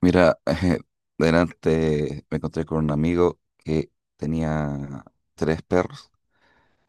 Mira, delante me encontré con un amigo que tenía 3 perros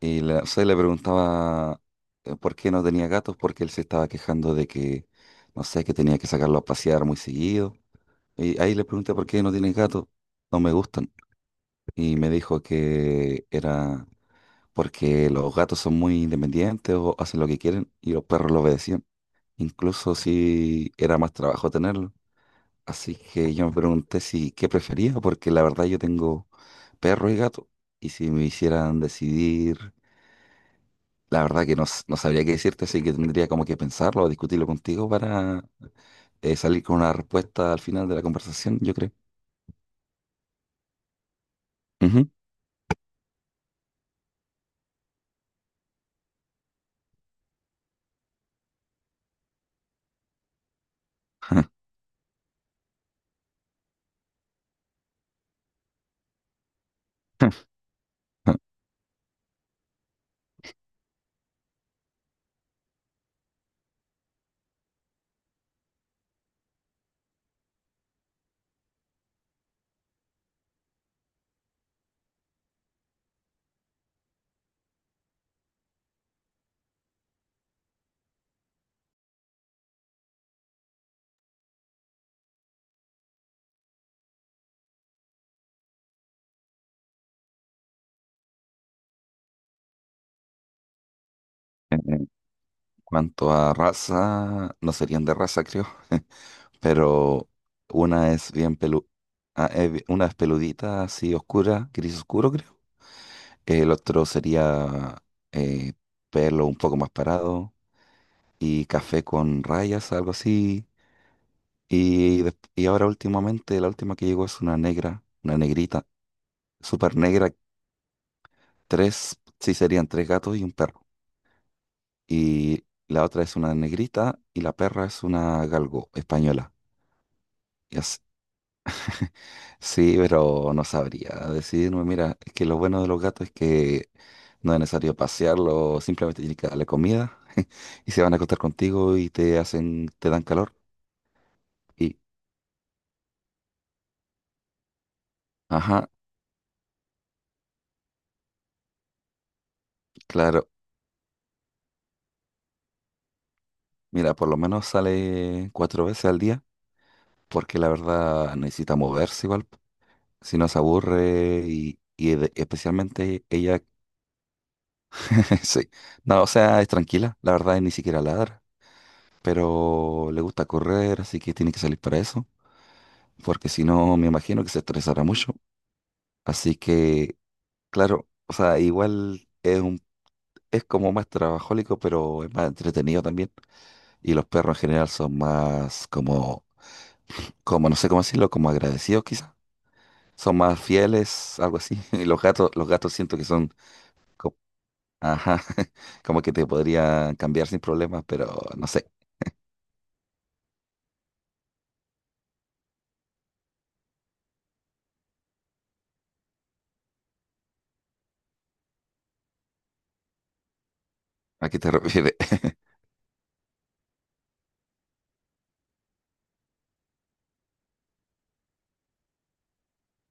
y se le preguntaba por qué no tenía gatos, porque él se estaba quejando de que, no sé, que tenía que sacarlo a pasear muy seguido. Y ahí le pregunté por qué no tienes gatos, no me gustan. Y me dijo que era porque los gatos son muy independientes o hacen lo que quieren y los perros lo obedecían, incluso si era más trabajo tenerlos. Así que yo me pregunté si qué prefería, porque la verdad yo tengo perro y gato, y si me hicieran decidir, la verdad que no, no sabría qué decirte, así que tendría como que pensarlo o discutirlo contigo para salir con una respuesta al final de la conversación, yo creo. Ujú. En cuanto a raza, no serían de raza, creo, pero una es bien pelu, ah, una es peludita, así oscura, gris oscuro. El otro sería eh, pelo un poco más parado y café con rayas, algo así. Y, y ahora últimamente, la última que llegó es una negra, una negrita, súper negra. Tres, sí, serían 3 gatos y un perro. Y la otra es una negrita y la perra es una galgo española. Sí, pero no sabría decirme, mira, es que lo bueno de los gatos es que no es necesario pasearlo, simplemente tienes que darle comida y se van a acostar contigo y te hacen, te dan calor. Y, ajá, claro, mira, por lo menos sale 4 veces al día, porque la verdad necesita moverse igual, si no se aburre y especialmente ella, sí, no, o sea, es tranquila, la verdad, y ni siquiera ladra, pero le gusta correr, así que tiene que salir para eso, porque si no me imagino que se estresará mucho. Así que, claro, o sea, es como más trabajólico, pero es más entretenido también. Y los perros en general son más como no sé cómo decirlo, como agradecidos quizás. Son más fieles, algo así. Y los gatos siento que son, co- ajá, como que te podrían cambiar sin problemas, pero no sé a qué te refieres.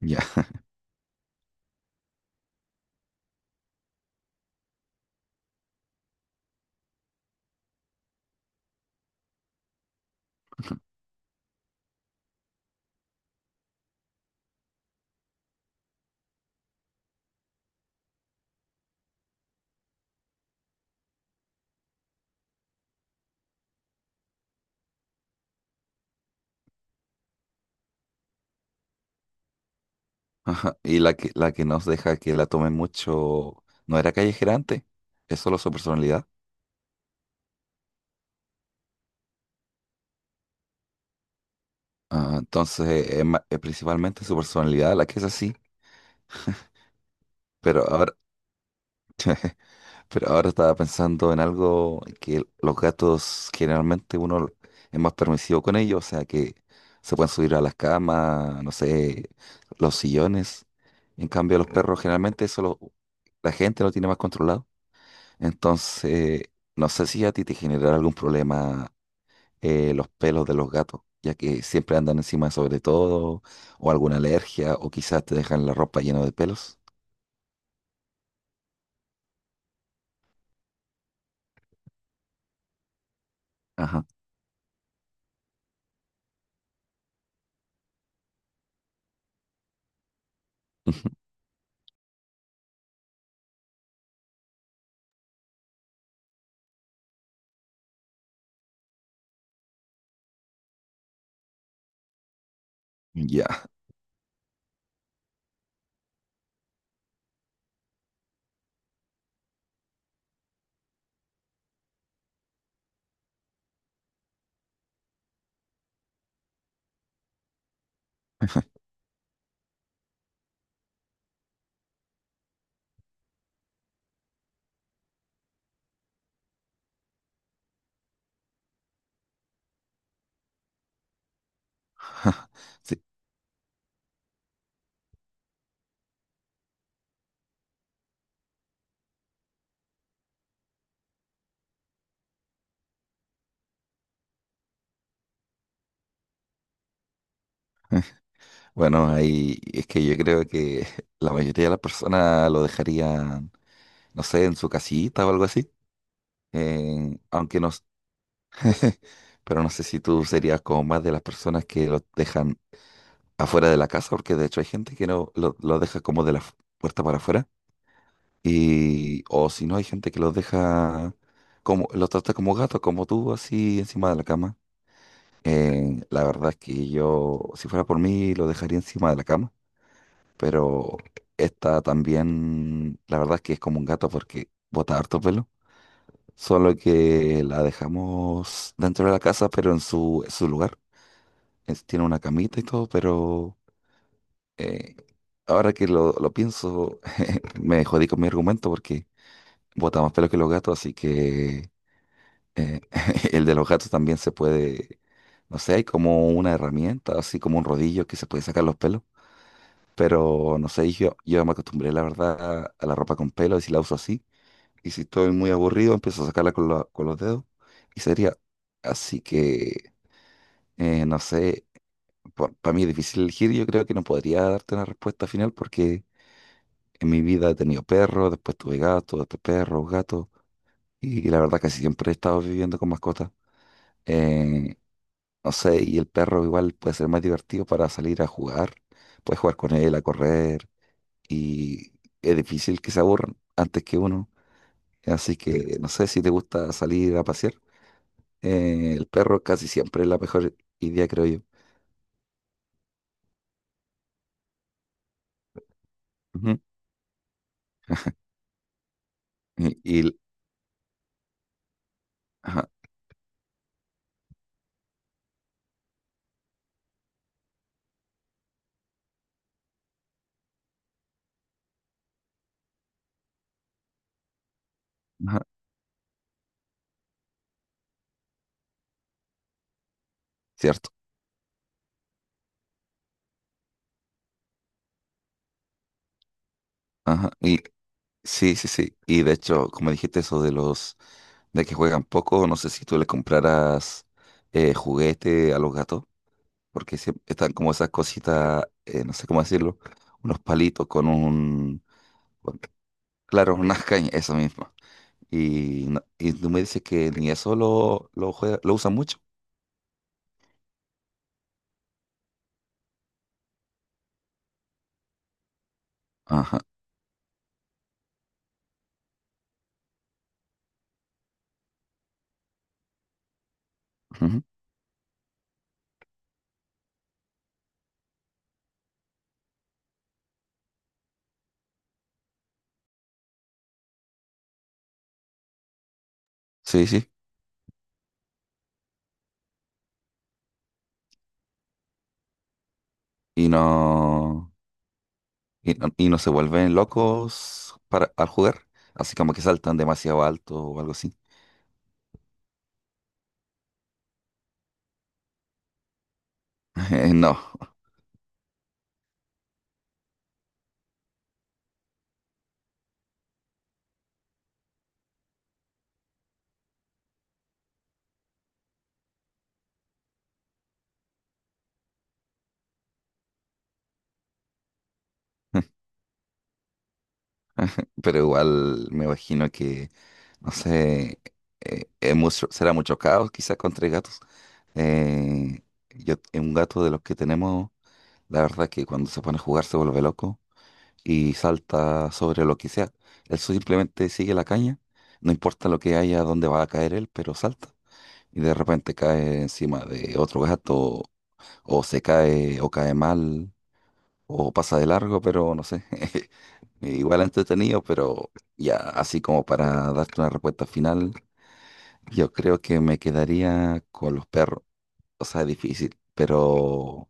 Ya. Ajá. Y la que nos deja que la tomen mucho, no era callejera antes, es solo su personalidad. Ah, entonces es, es principalmente su personalidad la que es así, pero ahora, pero ahora estaba pensando en algo que los gatos generalmente uno es más permisivo con ellos, o sea que se pueden subir a las camas, no sé, los sillones. En cambio, los perros generalmente la gente lo tiene más controlado. Entonces, no sé si a ti te genera algún problema, los pelos de los gatos, ya que siempre andan encima sobre todo, o alguna alergia, o quizás te dejan la ropa llena de pelos. Ajá. Ya, sí. Bueno, ahí es que yo creo que la mayoría de las personas lo dejarían, no sé, en su casita o algo así. Aunque no, pero no sé si tú serías como más de las personas que lo dejan afuera de la casa, porque de hecho hay gente que no lo, lo deja como de la puerta para afuera. Y, o si no, hay gente que los deja, como, los trata como gatos, como tú, así encima de la cama. La verdad es que yo, si fuera por mí, lo dejaría encima de la cama. Pero esta también, la verdad es que es como un gato porque bota harto pelo. Solo que la dejamos dentro de la casa, pero en en su lugar. Tiene una camita y todo, pero eh, ahora que lo pienso, me jodí con mi argumento porque bota más pelo que los gatos, así que Eh, el de los gatos también se puede, no sé, hay como una herramienta, así como un rodillo que se puede sacar los pelos. Pero no sé, yo me acostumbré, la verdad, a la ropa con pelo y si la uso así. Y si estoy muy aburrido, empiezo a sacarla con los dedos y sería. Así que, no sé, para mí es difícil elegir. Yo creo que no podría darte una respuesta final porque en mi vida he tenido perros, después tuve gatos, después perros, gatos. Y la verdad, casi siempre he estado viviendo con mascotas. eh, No sé, y el perro igual puede ser más divertido para salir a jugar. Puedes jugar con él, a correr, y es difícil que se aburran antes que uno. Así que no sé si te gusta salir a pasear. El perro casi siempre es la mejor idea, creo yo. Ujú. Y, ajá, ajá, cierto. Ajá. Y sí, sí, sí. Y de hecho, como dijiste eso de los de que juegan poco, no sé si tú le compraras juguete a los gatos, porque siempre están como esas cositas, no sé cómo decirlo, unos palitos con un, con- claro, unas cañas, eso mismo. Y, y tú me dices que ni eso lo usan mucho. Ajá. Ujú. Sí, sí. Y no, y no se vuelven locos para, al jugar, así como que saltan demasiado alto o algo así. No, pero igual me imagino que, no sé, es será mucho caos quizás contra gatos. Eh, yo, es un gato de los que tenemos, la verdad es que cuando se pone a jugar se vuelve loco y salta sobre lo que sea. Él simplemente sigue la caña, no importa lo que haya, dónde va a caer él, pero salta. Y de repente cae encima de otro gato, o se cae, o cae mal, o pasa de largo, pero no sé. Igual entretenido, pero ya así como para darte una respuesta final, yo creo que me quedaría con los perros. O sea, es difícil, pero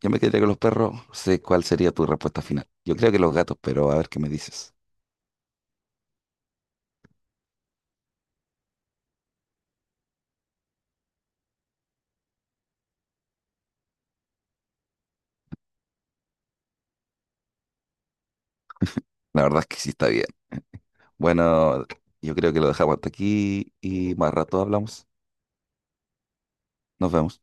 yo me quedaría con los perros. No sé cuál sería tu respuesta final. Yo creo que los gatos, pero a ver qué me dices. La verdad es que sí está bien. Bueno, yo creo que lo dejamos hasta aquí y más rato hablamos. Nos vemos.